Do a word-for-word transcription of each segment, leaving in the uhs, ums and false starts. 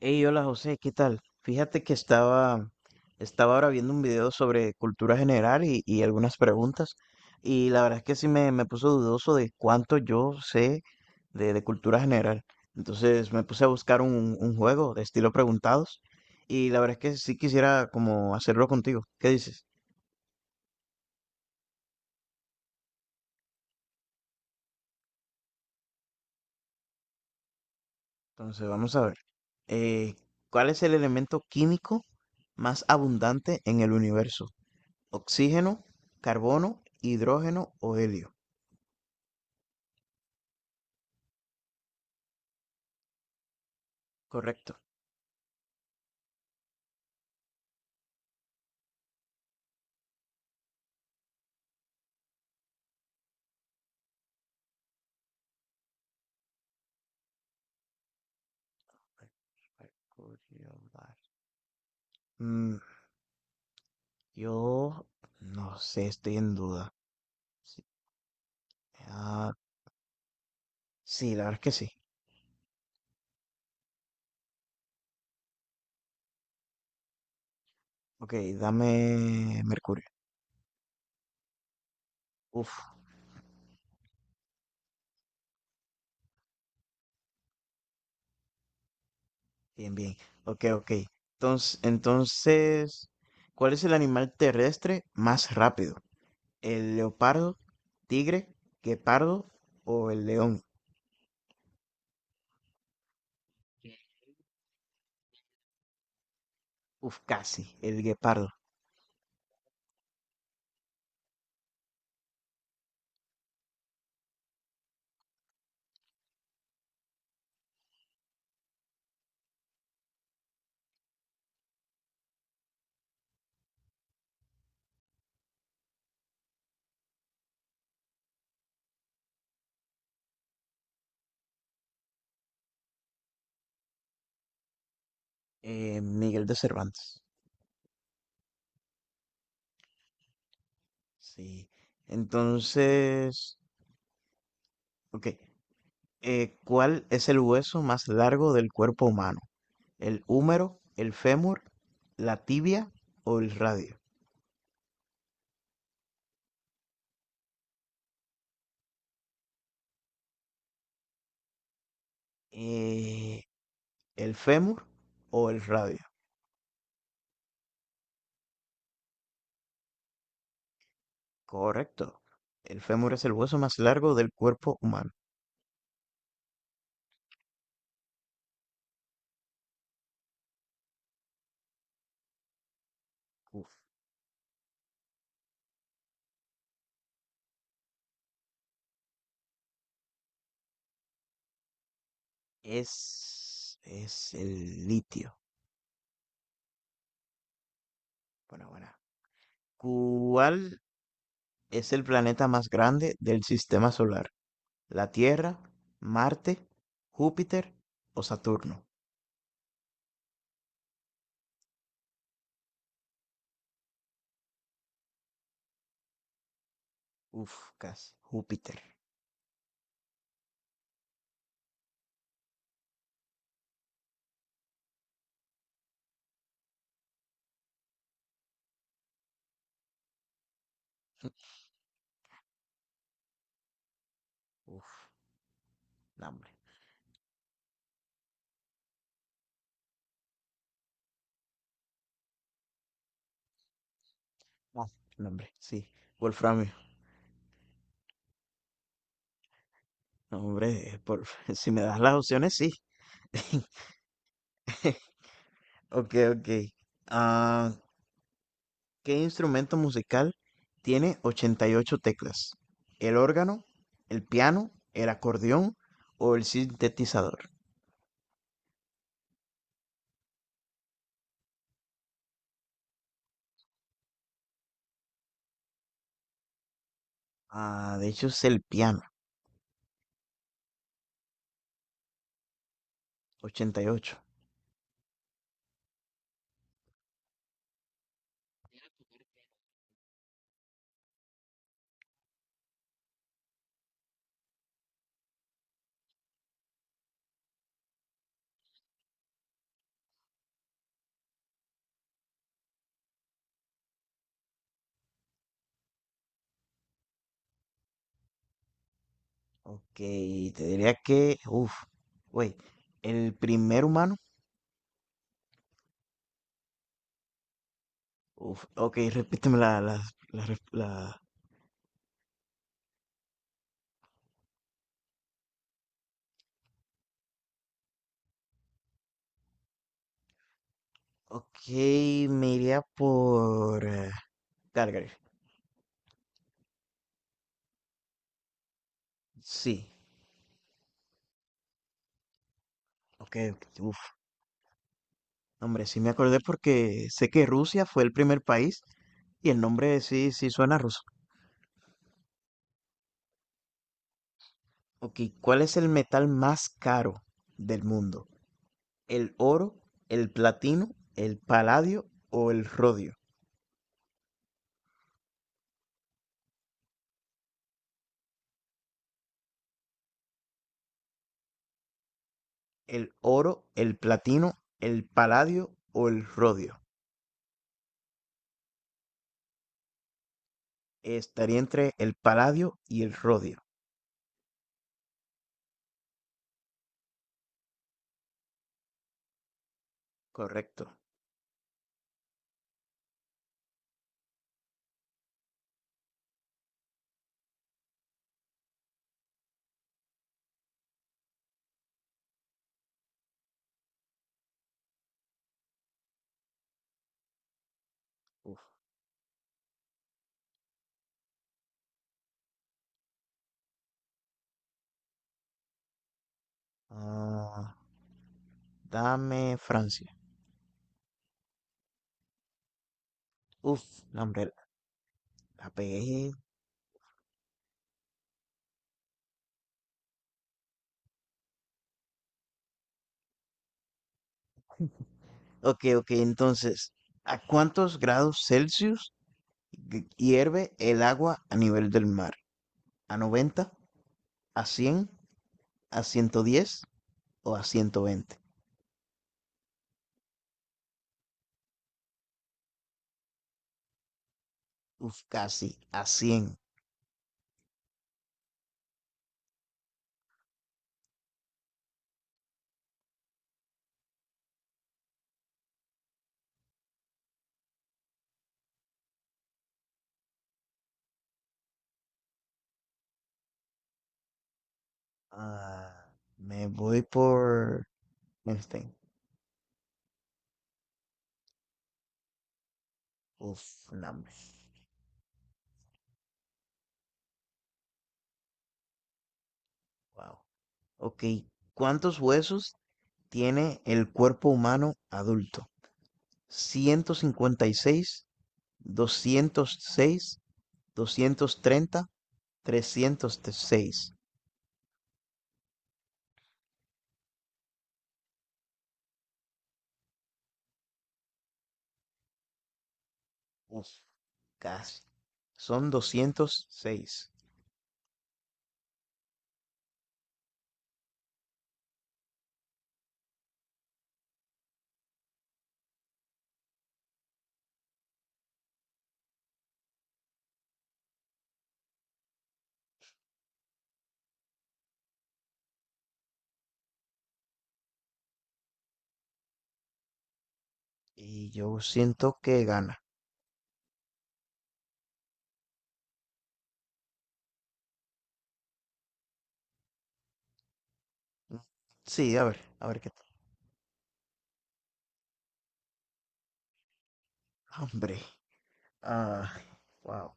Hey, hola José, ¿qué tal? Fíjate que estaba, estaba ahora viendo un video sobre cultura general y, y algunas preguntas, y la verdad es que sí me, me puso dudoso de cuánto yo sé de, de cultura general. Entonces me puse a buscar un, un juego de estilo preguntados, y la verdad es que sí quisiera como hacerlo contigo. ¿Qué dices? Entonces vamos a ver. Eh, ¿cuál es el elemento químico más abundante en el universo? ¿Oxígeno, carbono, hidrógeno o helio? Correcto. Mm, yo no sé, estoy en duda. Sí, ah, sí, la verdad es que sí. Ok, dame Mercurio. Uf, bien, bien. Ok, ok. Entonces, entonces, ¿cuál es el animal terrestre más rápido? ¿El leopardo, tigre, guepardo o el león? Uf, casi, el guepardo. Eh, Miguel de Cervantes. Sí. Entonces, ok. Eh, ¿cuál es el hueso más largo del cuerpo humano? ¿El húmero, el fémur, la tibia o el radio? Eh, ¿el fémur o el radio? Correcto. El fémur es el hueso más largo del cuerpo humano. Uf. Es, es el litio. Bueno, bueno. ¿Cuál es el planeta más grande del sistema solar? ¿La Tierra, Marte, Júpiter o Saturno? Uf, casi. Júpiter. Uf, no, hombre. No, no, hombre, sí. Wolframio. No, hombre, eh, por- si me das las opciones, sí. Ok, ok. Ah, ¿qué instrumento musical tiene ochenta y ocho teclas? ¿El órgano, el piano, el acordeón o el sintetizador? Ah, de hecho es el piano, ochenta y ocho. Ok, te diría que, uff, güey, el primer humano. Uf, ok, repíteme la, las las ref- las Ok, me iría por eh, Calgary. Sí, ok, uf, hombre, sí me acordé porque sé que Rusia fue el primer país y el nombre sí, sí suena ruso. Ok, ¿cuál es el metal más caro del mundo? ¿El oro, el platino, el paladio o el rodio? ¿El oro, el platino, el paladio o el rodio? Estaría entre el paladio y el rodio. Correcto. Uf. Ah. Dame Francia. Uf, no, hombre, la pegué. Ok, ok, entonces, ¿a cuántos grados Celsius gui- hierve el agua a nivel del mar? ¿A noventa? ¿A cien? ¿A ciento diez? ¿O a ciento veinte? Uf, casi, a cien. Ah, me voy por Einstein. Uf, no, hombre. Wow. Ok, ¿cuántos huesos tiene el cuerpo humano adulto? ¿ciento cincuenta y seis? doscientos seis, doscientos treinta, trescientos seis. Uf, casi. Son doscientos seis. Y yo siento que gana. Sí, a ver, a ver qué tal. Hombre. Ah, wow.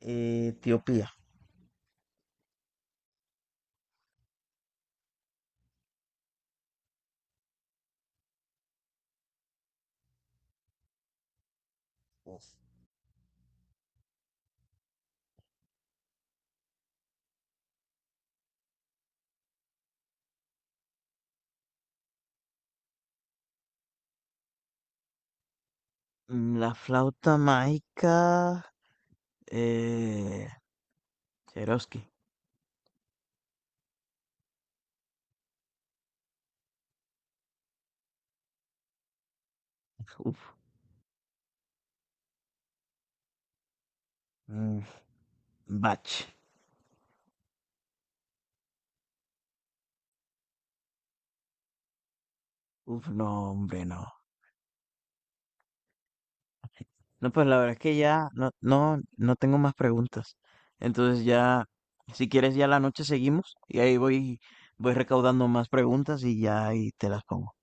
Etiopía. Uf. Mm, La flauta mágica. Eh, Cherovsky. Uf. Mm, Bach. Uf, no, hombre, no. No, pues la verdad es que ya no, no, no tengo más preguntas. Entonces ya, si quieres ya la noche seguimos y ahí voy, voy recaudando más preguntas y ya ahí te las pongo.